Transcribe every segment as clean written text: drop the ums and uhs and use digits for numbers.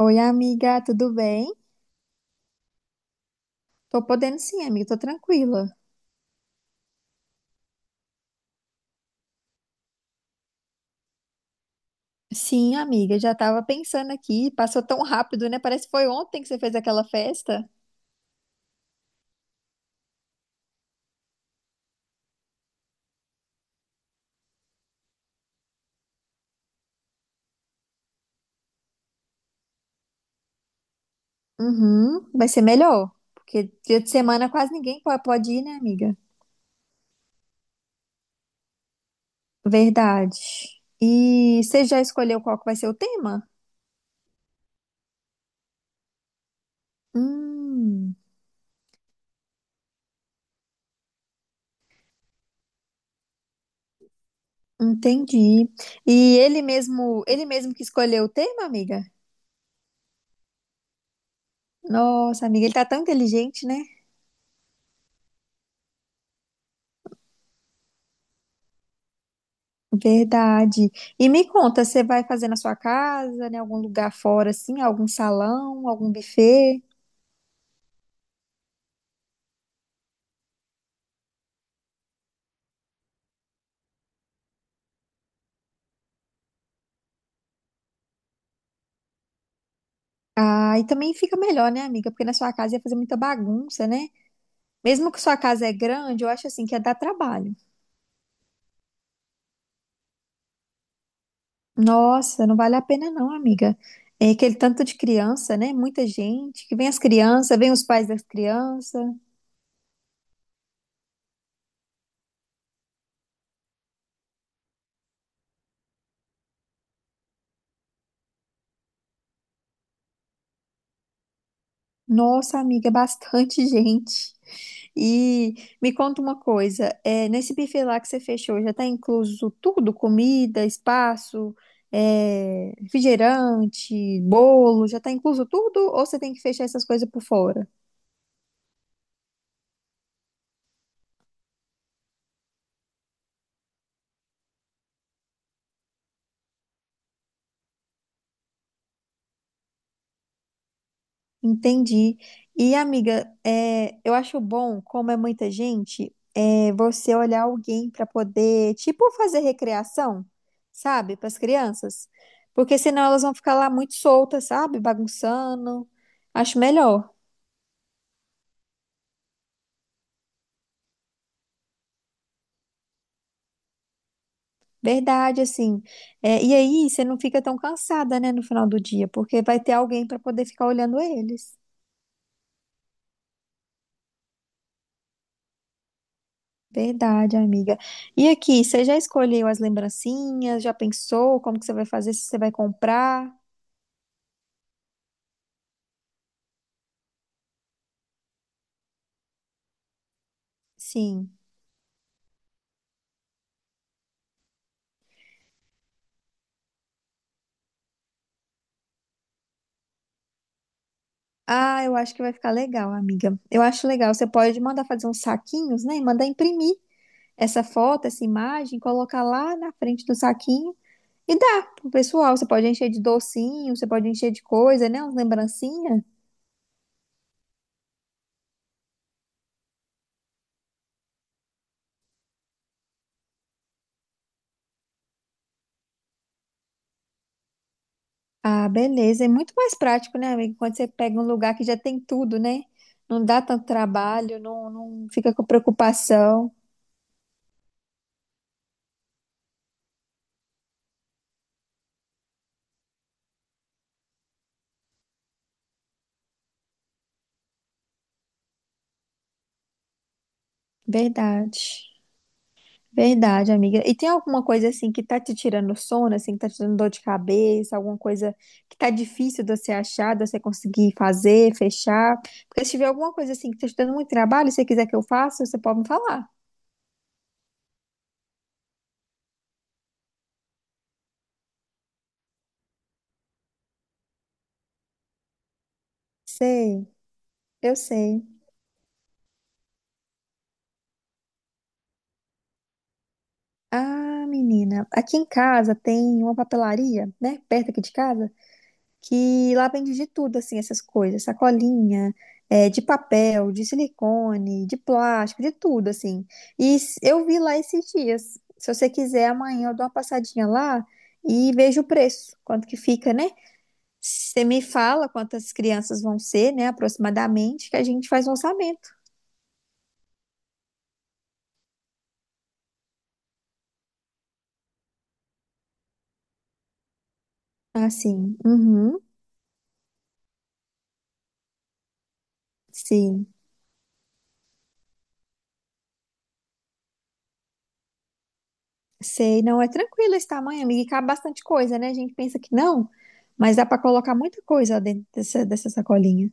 Oi, amiga, tudo bem? Tô podendo sim, amiga, tô tranquila. Sim, amiga, já tava pensando aqui, passou tão rápido, né? Parece que foi ontem que você fez aquela festa. Uhum, vai ser melhor, porque dia de semana quase ninguém pode ir, né, amiga? Verdade. E você já escolheu qual que vai ser o tema? Hum, entendi. E ele mesmo que escolheu o tema, amiga? Nossa, amiga, ele tá tão inteligente, né? Verdade. E me conta, você vai fazer na sua casa, em algum lugar fora, assim, algum salão, algum buffet? Ah, e também fica melhor, né, amiga? Porque na sua casa ia fazer muita bagunça, né? Mesmo que sua casa é grande, eu acho assim que ia dar trabalho. Nossa, não vale a pena não, amiga. É aquele tanto de criança, né? Muita gente, que vem as crianças, vem os pais das crianças. Nossa, amiga, é bastante gente. E me conta uma coisa, nesse buffet lá que você fechou, já está incluso tudo? Comida, espaço, refrigerante, bolo, já está incluso tudo? Ou você tem que fechar essas coisas por fora? Entendi. E, amiga, eu acho bom, como é muita gente, é você olhar alguém para poder, tipo, fazer recreação, sabe, para as crianças. Porque senão elas vão ficar lá muito soltas, sabe, bagunçando. Acho melhor, verdade, assim. É, e aí você não fica tão cansada, né, no final do dia, porque vai ter alguém para poder ficar olhando eles. Verdade, amiga. E aqui, você já escolheu as lembrancinhas? Já pensou como que você vai fazer, se você vai comprar? Sim. Ah, eu acho que vai ficar legal, amiga. Eu acho legal. Você pode mandar fazer uns saquinhos, né? E mandar imprimir essa foto, essa imagem, colocar lá na frente do saquinho e dá pro pessoal. Você pode encher de docinho, você pode encher de coisa, né? Uns lembrancinhas. Ah, beleza. É muito mais prático, né, amiga? Quando você pega um lugar que já tem tudo, né? Não dá tanto trabalho, não fica com preocupação. Verdade. Verdade, amiga. E tem alguma coisa assim que tá te tirando sono, assim, que tá te dando dor de cabeça, alguma coisa que tá difícil de você achar, de você conseguir fazer, fechar? Porque se tiver alguma coisa assim que tá te dando muito trabalho, e você quiser que eu faça, você pode me falar. Sei, eu sei. Ah, menina, aqui em casa tem uma papelaria, né, perto aqui de casa, que lá vende de tudo, assim, essas coisas, sacolinha, de papel, de silicone, de plástico, de tudo, assim. E eu vi lá esses dias. Se você quiser, amanhã eu dou uma passadinha lá e vejo o preço, quanto que fica, né? Você me fala quantas crianças vão ser, né, aproximadamente, que a gente faz o orçamento. Ah, sim. Uhum. Sim. Sei, não é tranquilo esse tamanho, amiga, e cabe bastante coisa, né? A gente pensa que não, mas dá para colocar muita coisa dentro dessa sacolinha.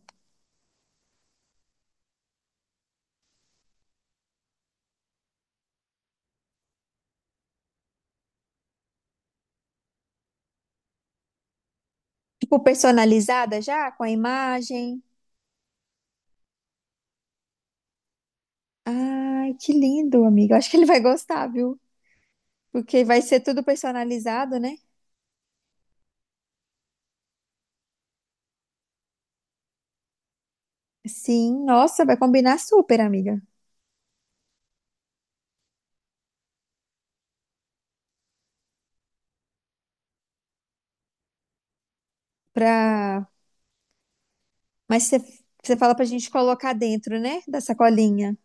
Tipo, personalizada já, com a imagem. Ai, que lindo, amiga. Eu acho que ele vai gostar, viu? Porque vai ser tudo personalizado, né? Sim, nossa, vai combinar super, amiga. Pra... Mas você fala pra gente colocar dentro, né? Da sacolinha.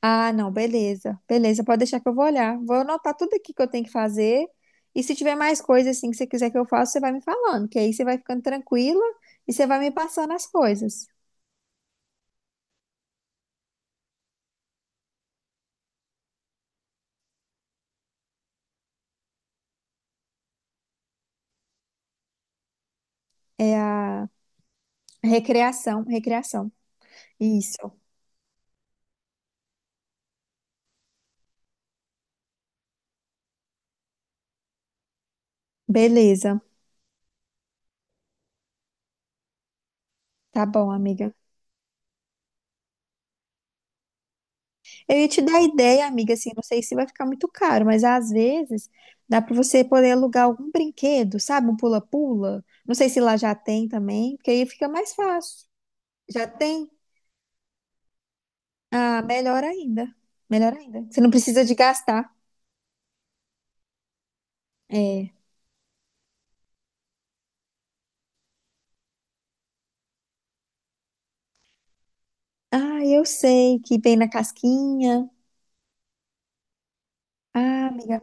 Ah, não, beleza. Beleza, pode deixar que eu vou olhar. Vou anotar tudo aqui que eu tenho que fazer. E se tiver mais coisa assim que você quiser que eu faça, você vai me falando, que aí você vai ficando tranquila e você vai me passando as coisas. É a recreação. Isso. Beleza. Tá bom, amiga. Eu ia te dar ideia, amiga, assim, não sei se vai ficar muito caro, mas às vezes dá pra você poder alugar algum brinquedo, sabe? Um pula-pula. Não sei se lá já tem também, porque aí fica mais fácil. Já tem? Ah, melhor ainda. Melhor ainda. Você não precisa de gastar. É. Ah, eu sei que vem na casquinha. Ah, amiga.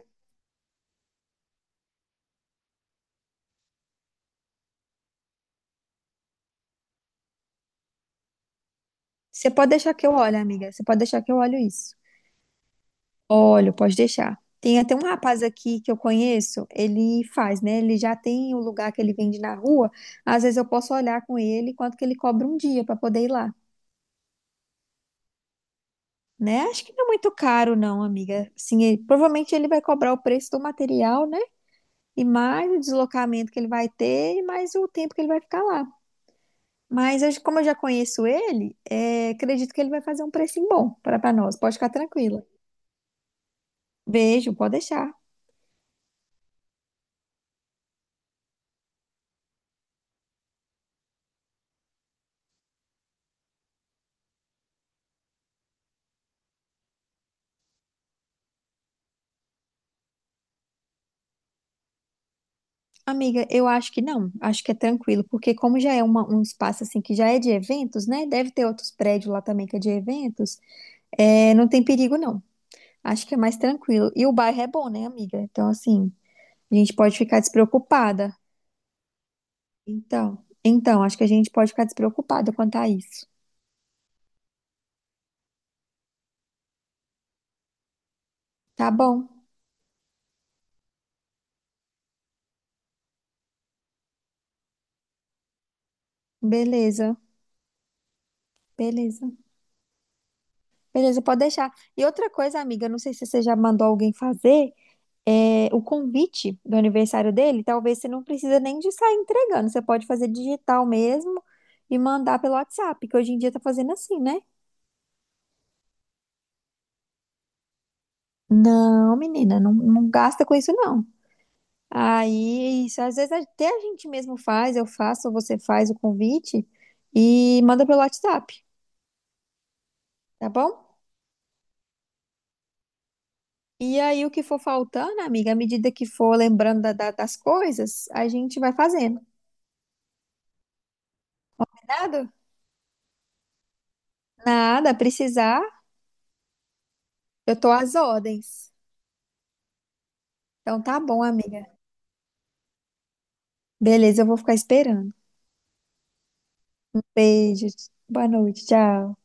Você pode deixar que eu olhe, amiga. Você pode deixar que eu olho isso. Olha, pode deixar. Tem até um rapaz aqui que eu conheço, ele faz, né? Ele já tem o lugar que ele vende na rua. Às vezes eu posso olhar com ele quanto que ele cobra um dia para poder ir lá, né? Acho que não é muito caro, não, amiga. Assim, provavelmente ele vai cobrar o preço do material, né? E mais o deslocamento que ele vai ter, e mais o tempo que ele vai ficar lá. Como eu já conheço ele, acredito que ele vai fazer um precinho bom para nós. Pode ficar tranquila. Beijo, pode deixar. Amiga, eu acho que não, acho que é tranquilo, porque como já é um espaço assim que já é de eventos, né? Deve ter outros prédios lá também que é de eventos, não tem perigo não. Acho que é mais tranquilo. E o bairro é bom, né, amiga? Então, assim, a gente pode ficar despreocupada. Então, então, acho que a gente pode ficar despreocupada quanto a isso. Tá bom, beleza, beleza, beleza, pode deixar. E outra coisa, amiga, não sei se você já mandou alguém fazer o convite do aniversário dele, talvez você não precisa nem de sair entregando, você pode fazer digital mesmo e mandar pelo WhatsApp, que hoje em dia tá fazendo assim, né? Não, menina, não, não gasta com isso não. Aí, é isso, às vezes até a gente mesmo faz, eu faço, ou você faz o convite e manda pelo WhatsApp, tá bom? E aí, o que for faltando, amiga, à medida que for lembrando das coisas, a gente vai fazendo. Nada? Nada, precisar, eu tô às ordens. Então tá bom, amiga. Beleza, eu vou ficar esperando. Beijos. Boa noite. Tchau.